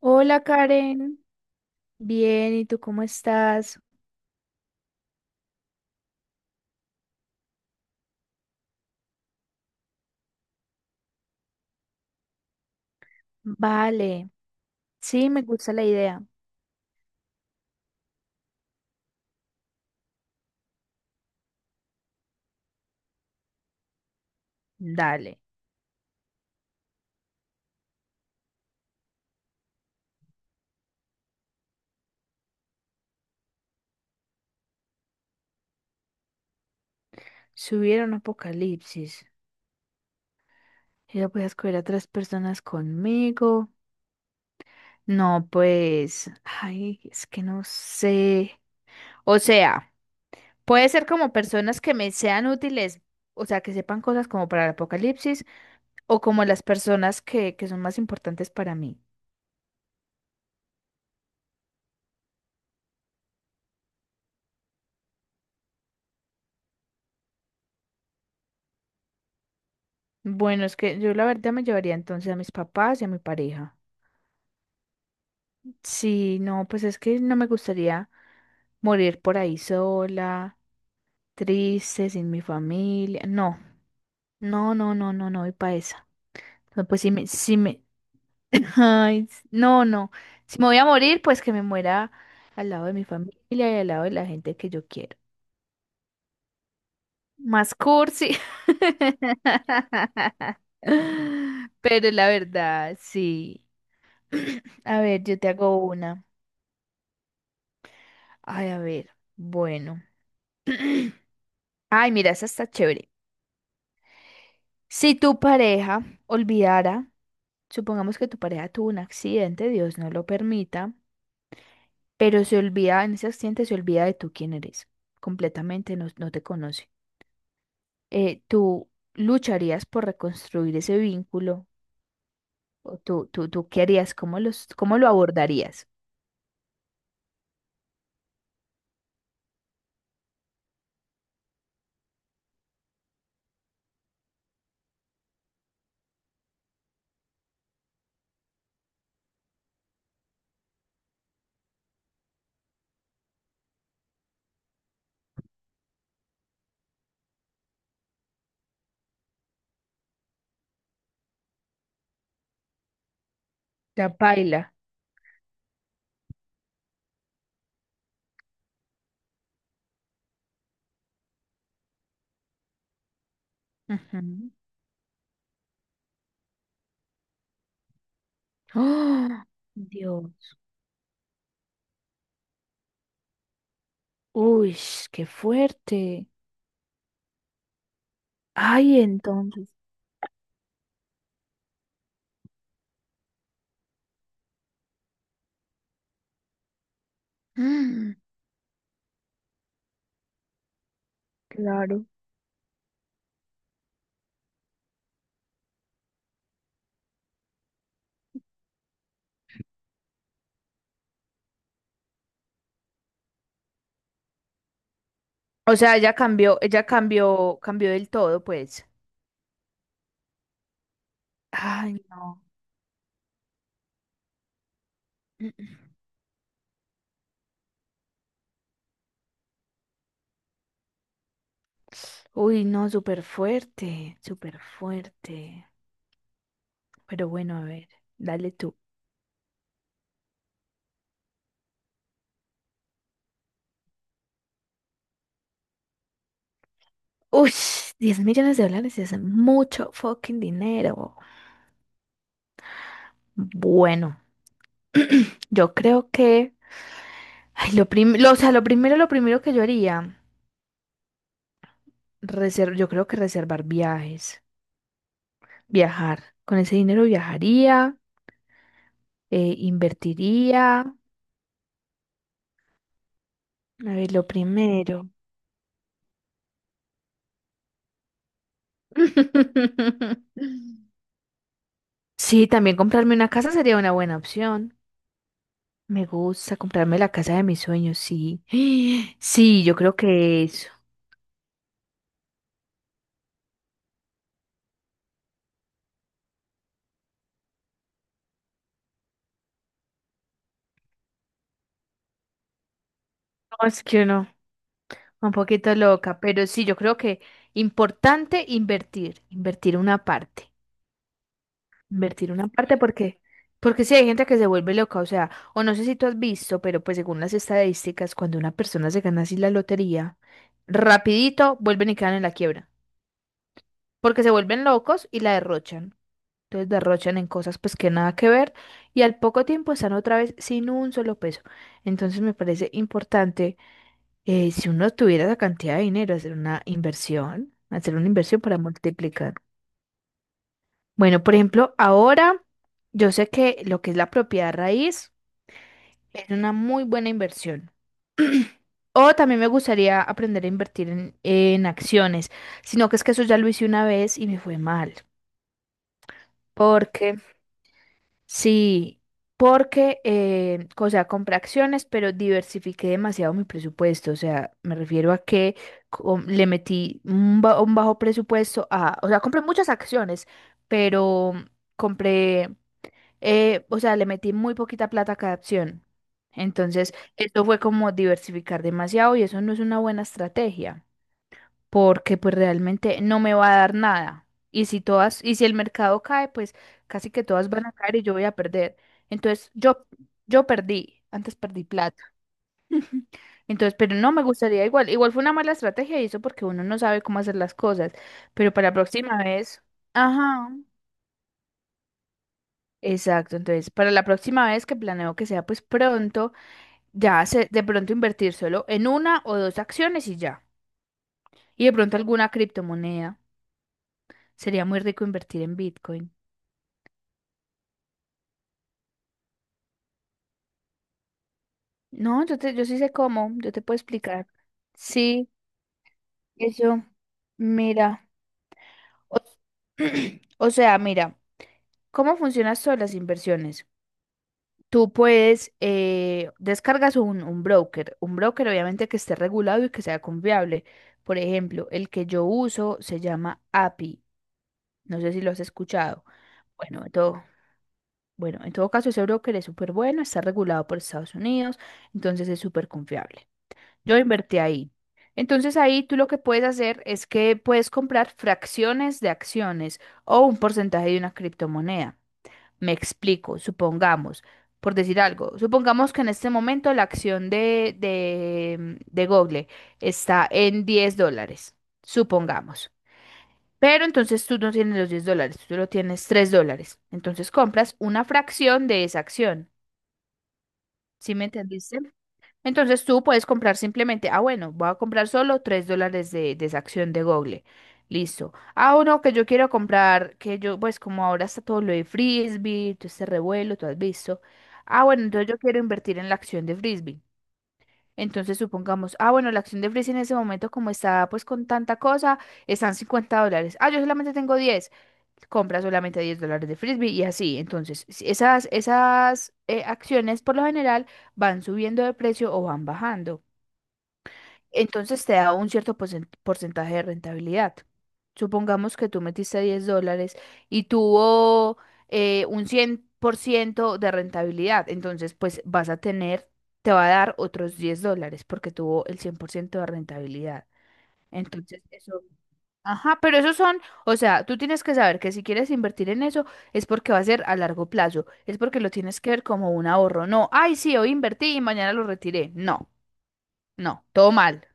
Hola Karen, bien, ¿y tú cómo estás? Vale, sí, me gusta la idea. Dale, si hubiera un apocalipsis y yo voy a escoger a tres personas conmigo. No, pues, ay, es que no sé. O sea, puede ser como personas que me sean útiles, o sea, que sepan cosas como para el apocalipsis o como las personas que son más importantes para mí. Bueno, es que yo la verdad me llevaría entonces a mis papás y a mi pareja. Sí, no, pues es que no me gustaría morir por ahí sola, triste, sin mi familia. No, no, no, no, no, no, y para esa. No, pues si me, si me, ay, no, no. Si me voy a morir, pues que me muera al lado de mi familia y al lado de la gente que yo quiero. Más cursi. Pero la verdad, sí. A ver, yo te hago una. Ay, a ver, bueno. Ay, mira, esa está chévere. Si tu pareja olvidara, supongamos que tu pareja tuvo un accidente, Dios no lo permita, pero se olvida, en ese accidente se olvida de tú quién eres, completamente no, no te conoce. ¿Tú lucharías por reconstruir ese vínculo? ¿O tú qué harías? Cómo lo abordarías? La paila. Ujú. ¡Ah! Dios. Uy, qué fuerte. Ay, entonces. Mm, claro. O sea, ella cambió, cambió del todo, pues. Ay, no. Uy, no, súper fuerte, súper fuerte. Pero bueno, a ver, dale tú. Uy, 10 millones de dólares es mucho fucking dinero. Bueno, yo creo que, ay, o sea, lo primero que yo haría, yo creo que reservar viajes, viajar. Con ese dinero viajaría, invertiría. A ver, lo primero. Sí, también comprarme una casa sería una buena opción. Me gusta comprarme la casa de mis sueños, sí. Sí, yo creo que eso. No, es que no, un poquito loca, pero sí, yo creo que importante invertir una parte porque sí hay gente que se vuelve loca, o sea, o no sé si tú has visto, pero pues según las estadísticas, cuando una persona se gana así la lotería, rapidito vuelven y quedan en la quiebra, porque se vuelven locos y la derrochan. Entonces derrochan en cosas pues que nada que ver y al poco tiempo están otra vez sin un solo peso. Entonces me parece importante si uno tuviera esa cantidad de dinero hacer una inversión para multiplicar. Bueno, por ejemplo, ahora yo sé que lo que es la propiedad raíz es una muy buena inversión. O también me gustaría aprender a invertir en acciones, sino que es que eso ya lo hice una vez y me fue mal, porque, sí, porque, o sea, compré acciones, pero diversifiqué demasiado mi presupuesto. O sea, me refiero a que le metí un bajo presupuesto a, o sea, compré muchas acciones, pero compré, o sea, le metí muy poquita plata a cada acción. Entonces, esto fue como diversificar demasiado y eso no es una buena estrategia porque pues realmente no me va a dar nada. Y si el mercado cae, pues casi que todas van a caer y yo voy a perder. Entonces, yo, perdí, antes perdí plata. Entonces, pero no me gustaría igual. Igual fue una mala estrategia y eso porque uno no sabe cómo hacer las cosas. Pero para la próxima vez, ajá. Exacto, entonces para la próxima vez que planeo que sea pues pronto, ya se, de pronto invertir solo en una o dos acciones y ya. Y de pronto alguna criptomoneda. Sería muy rico invertir en Bitcoin. No, yo sí sé cómo, yo te puedo explicar. Sí, eso, mira. O, o sea, mira, ¿cómo funcionan todas las inversiones? Tú puedes, descargas un broker obviamente que esté regulado y que sea confiable. Por ejemplo, el que yo uso se llama API. No sé si lo has escuchado. Bueno, en todo, bueno, en todo caso, ese broker es súper bueno, está regulado por Estados Unidos, entonces es súper confiable. Yo invertí ahí. Entonces ahí tú lo que puedes hacer es que puedes comprar fracciones de acciones o un porcentaje de una criptomoneda. Me explico, supongamos, por decir algo, supongamos que en este momento la acción de Google está en 10 dólares, supongamos. Pero entonces tú no tienes los 10 dólares, tú solo tienes 3 dólares. Entonces compras una fracción de esa acción. ¿Sí me entendiste? Entonces tú puedes comprar simplemente, bueno, voy a comprar solo 3 dólares de esa acción de Google. Listo. Ah, uno que yo quiero comprar, que yo, pues como ahora está todo lo de Frisbee, todo este revuelo, tú has visto. Ah, bueno, entonces yo quiero invertir en la acción de Frisbee. Entonces supongamos, ah, bueno, la acción de Frisbee en ese momento, como está pues con tanta cosa, están 50 dólares. Ah, yo solamente tengo diez. Compra solamente 10 dólares de Frisbee y así. Entonces, si esas acciones por lo general van subiendo de precio o van bajando. Entonces te da un cierto porcentaje de rentabilidad. Supongamos que tú metiste 10 dólares y tuvo un 100% de rentabilidad. Entonces, pues vas a tener, te va a dar otros 10 dólares porque tuvo el 100% de rentabilidad. Entonces, eso, ajá, pero esos son, o sea, tú tienes que saber que si quieres invertir en eso es porque va a ser a largo plazo, es porque lo tienes que ver como un ahorro. No, ay, sí, hoy invertí y mañana lo retiré. No, no, todo mal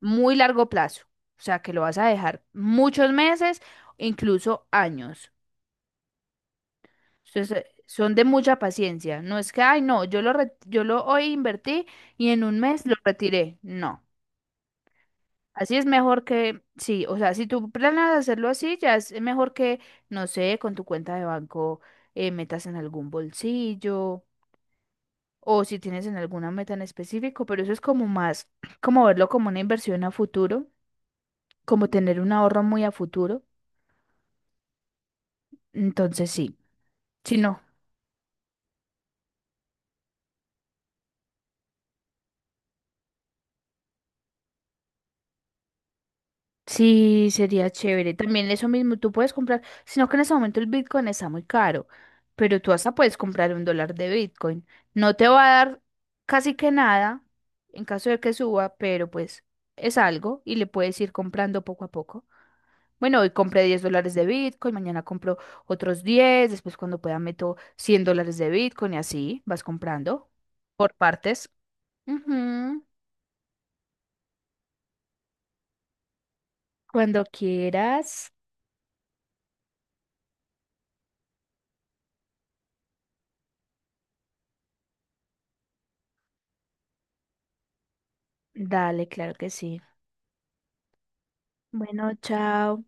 muy largo plazo, o sea, que lo vas a dejar muchos meses, incluso años. Entonces, son de mucha paciencia. No es que, ay, no, yo lo hoy invertí y en un mes lo retiré. No. Así es mejor que, sí, o sea, si tú planeas hacerlo así, ya es mejor que, no sé, con tu cuenta de banco metas en algún bolsillo o si tienes en alguna meta en específico, pero eso es como más, como verlo como una inversión a futuro, como tener un ahorro muy a futuro. Entonces sí, si no, sí sería chévere. También eso mismo, tú puedes comprar, sino que en ese momento el Bitcoin está muy caro, pero tú hasta puedes comprar 1 dólar de Bitcoin. No te va a dar casi que nada en caso de que suba, pero pues es algo y le puedes ir comprando poco a poco. Bueno, hoy compré 10 dólares de Bitcoin, mañana compro otros 10 después cuando pueda meto 100 dólares de Bitcoin y así vas comprando por partes. Ujú, cuando quieras. Dale, claro que sí. Bueno, chao.